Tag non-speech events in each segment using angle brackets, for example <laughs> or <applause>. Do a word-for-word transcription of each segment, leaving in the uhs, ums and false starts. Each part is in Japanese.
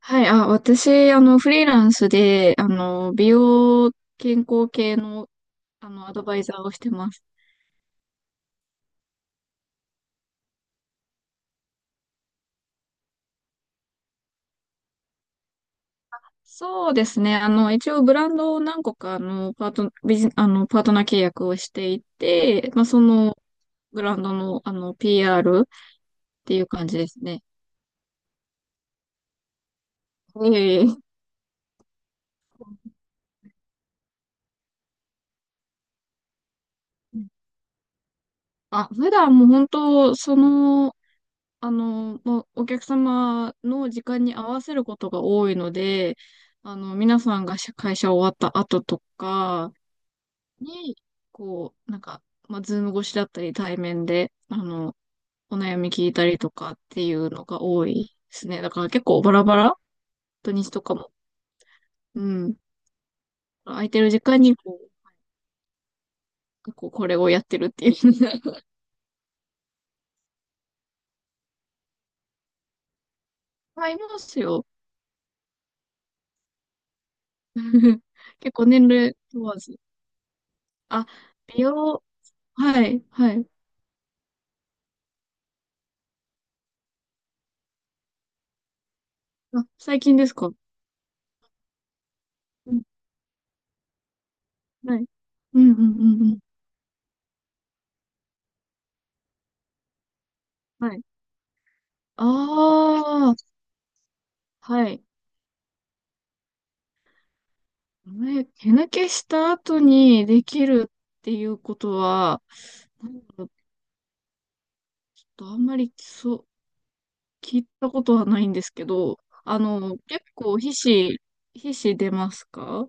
はい、あ、私、あの、フリーランスで、あの、美容健康系の、あの、アドバイザーをしてます。そうですね。あの、一応ブランドを何個か、あの、パート、ビジ、あの、パートナー契約をしていて、まあ、その、ブランドの、あの、ピーアール っていう感じですね。いえいえ。あ、普段もう本当、その、あの、もうお客様の時間に合わせることが多いので、あの、皆さんが会社終わった後とかに、こう、なんか、まあ、ズーム越しだったり、対面で、あの、お悩み聞いたりとかっていうのが多いですね。だから結構バラバラ、土日とかも。うん。空いてる時間に、こう、こうこれをやってるっていう。<laughs> あ、いいますよ。<laughs> 結構年齢問わず。あ、美容、はい、はい。あ、最近ですか？うん、はい。うん、うん、うん、うん。はい。ああ、はい。え、手抜けした後にできるっていうことは、なんだろう、ちょっとあんまりそう、聞いたことはないんですけど、あの、結構皮脂、皮脂出ますか？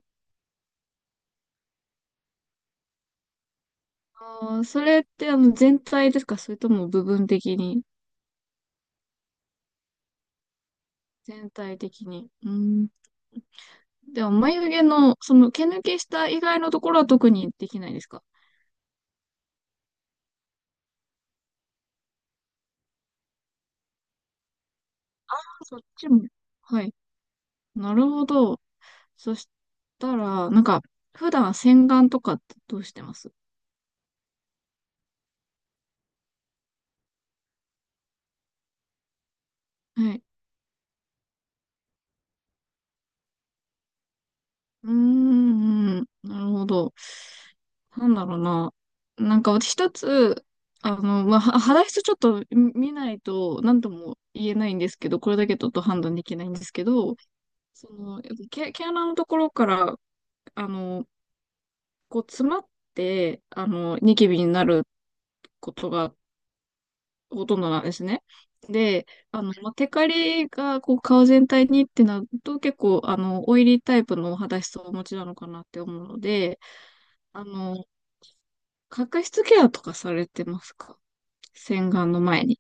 あー、それってあの全体ですか、それとも部分的に？全体的に。うん。でも眉毛の、その毛抜けした以外のところは特にできないですか？そっちも。はい。なるほど。そしたら、なんか、普段洗顔とかってどうしてます？はい。うーん、なるほど。なんだろうな。なんか私一つ、あの、まあ、は肌質ちょっと見見ないと何とも言えないんですけど、これだけちょっと判断できないんですけど、その、やっぱ毛、毛穴のところから、あの、こう詰まって、あの、ニキビになることがほとんどなんですね。で、あの、まあ、テカリがこう顔全体にってなると結構あの、オイリータイプのお肌質をお持ちなのかなって思うので、あの、角質ケアとかされてますか？洗顔の前に。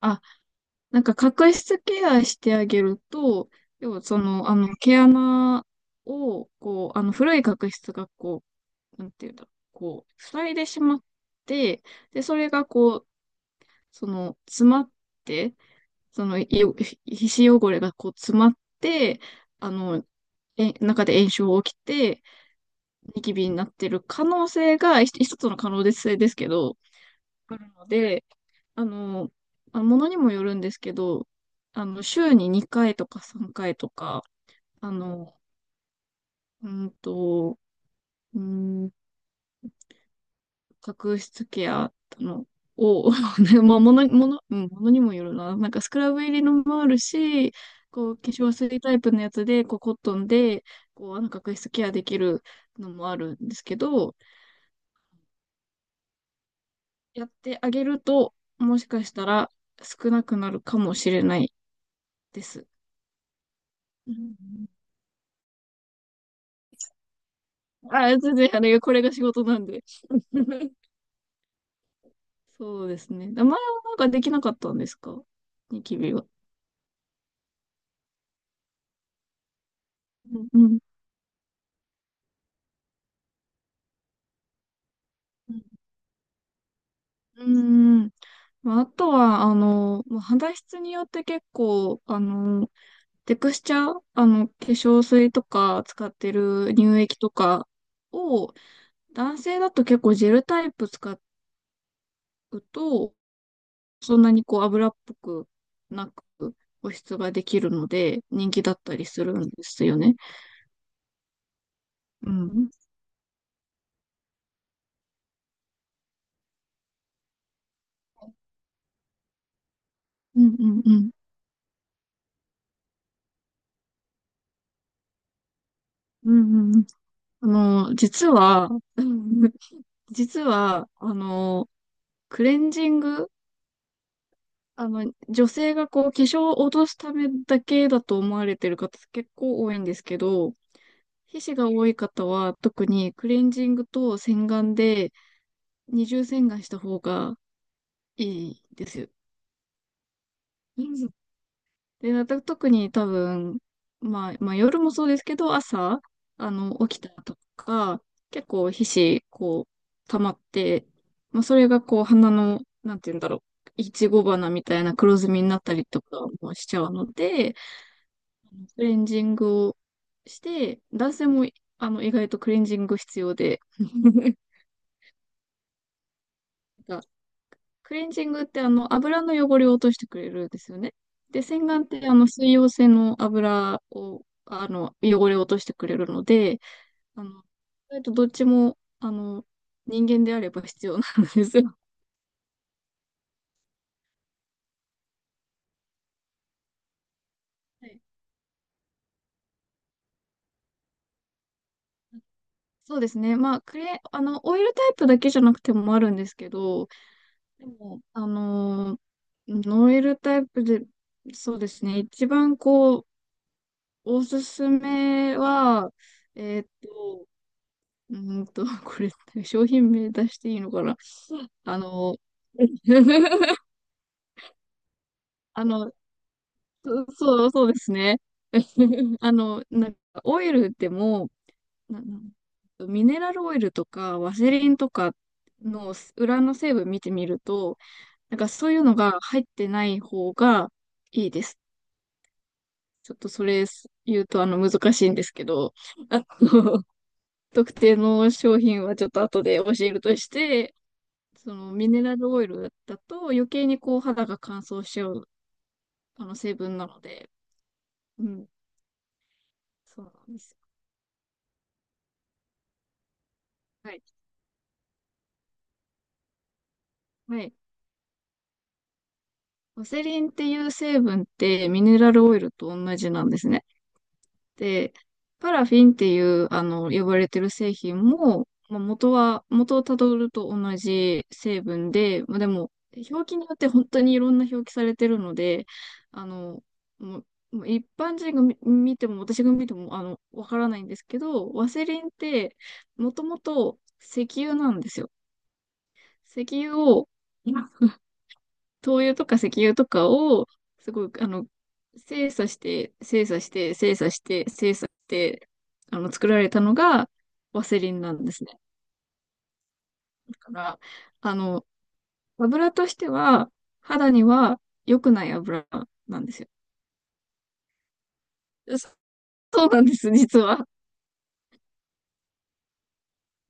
あ、なんか角質ケアしてあげると、要はその、あの、毛穴を、こう、あの、古い角質がこう、なんていうんだろう、こう、塞いでしまって、で、それがこう、その、詰まって、その、いよ皮脂汚れがこう詰まって、あの、え、中で炎症起きて、ニキビになってる可能性が一一つの可能性ですけど、あるので、あの、まあものにもよるんですけど、あの、週ににかいとかさんかいとか、あの、うんと、うん角質ケアのを、<laughs> ね、まあ、もの、もの、うん、ものにもよるな。なんかスクラブ入りのもあるし、こう、化粧水タイプのやつで、こう、コットンで、こう、あの、角質ケアできるのもあるんですけど、やってあげると、もしかしたら少なくなるかもしれないです。うん。あ、全然、あれ、これが仕事なんで。<laughs> そうですね。前はなんかできなかったんですか、ニキビは。うん。うん。うーん。まあ、あとは、あの、まあ肌質によって結構、あの、テクスチャー、あの、化粧水とか使ってる乳液とかを、男性だと結構ジェルタイプ使うと、そんなにこう油っぽくなく保湿ができるので、人気だったりするんですよね。うん。うんうんうん。うんうんうん。あの、実は、うん <laughs> 実は、あの、クレンジング、あの、女性がこう、化粧を落とすためだけだと思われてる方結構多いんですけど、皮脂が多い方は特にクレンジングと洗顔で二重洗顔した方がいいですよ。うん。で、また特に多分、まあ、まあ夜もそうですけど、朝、あの、起きたとか、結構皮脂、こう、溜まって、まあそれがこう、鼻の、なんて言うんだろう、いちご花みたいな黒ずみになったりとかもしちゃうので、クレンジングをして、男性もあの意外とクレンジング必要で、<laughs> なんかクレンジングってあの油の汚れを落としてくれるんですよね。で、洗顔ってあの水溶性の油を、あの汚れを落としてくれるので、あの意外とどっちもあの人間であれば必要なんですよ。はい。そうですね。まあ、クレ、あの、オイルタイプだけじゃなくてもあるんですけど、でも、あのーノエルタイプで、そうですね、一番こう、おすすめは、えーっと、うーんと、<laughs> これ、商品名出していいのかな？あの、<laughs> あの、そそう、そうですね。<laughs> あの、なんか、オイルでも、ななんミネラルオイルとか、ワセリンとかの裏の成分見てみると、なんかそういうのが入ってない方がいいです。ちょっとそれ言うとあの難しいんですけど、あの、<laughs> 特定の商品はちょっと後で教えるとして、そのミネラルオイルだと余計にこう肌が乾燥しちゃうあの成分なので、うん、そうなんです。はい。はい。ワセリンっていう成分ってミネラルオイルと同じなんですね。で、パラフィンっていう、あの、呼ばれてる製品も、まあ、元は、元をたどると同じ成分で、まあ、でも、表記によって本当にいろんな表記されてるので、あの、もう、もう一般人が見、見ても、私が見ても、あの、わからないんですけど、ワセリンって、もともと石油なんですよ。石油を、<laughs> 灯油とか石油とかを、すごい、あの、精査して、精査して、精査して、精査して、あの、作られたのが、ワセリンなんですね。だから、あの、油としては、肌には良くない油なんですよ。そそうなんです、実は。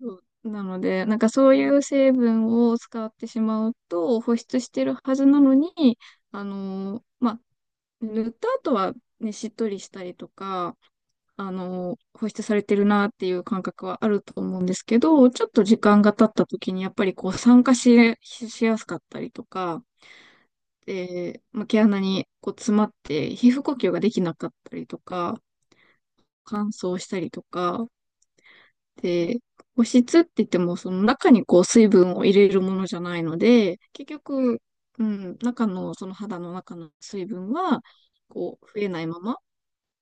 そうなので、なんかそういう成分を使ってしまうと、保湿してるはずなのに、あの、まあ、塗った後はね、しっとりしたりとか、あの、保湿されてるなっていう感覚はあると思うんですけど、ちょっと時間が経った時にやっぱりこう酸化し、しやすかったりとか、で、まあ、毛穴にこう詰まって皮膚呼吸ができなかったりとか、乾燥したりとか、で、保湿って言ってもその中にこう水分を入れるものじゃないので、結局、うん、中のその肌の中の水分はこう増えないまま、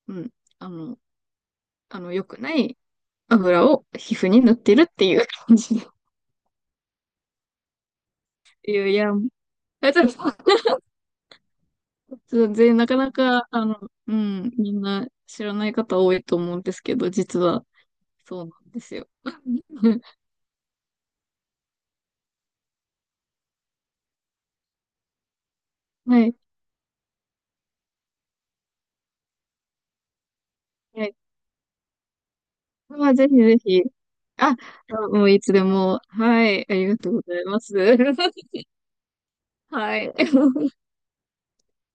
うん、あの、あの良くない油を皮膚に塗ってるっていう感じの。いやいや、あ、ちょっとで <laughs>、なかなか、あの、うん、みんな知らない方多いと思うんですけど、実はそうなんですよ。<laughs> はい。はい。まあ、ぜひぜひ。あ、あ、もういつでも。はい。ありがとうございます。<laughs> はい。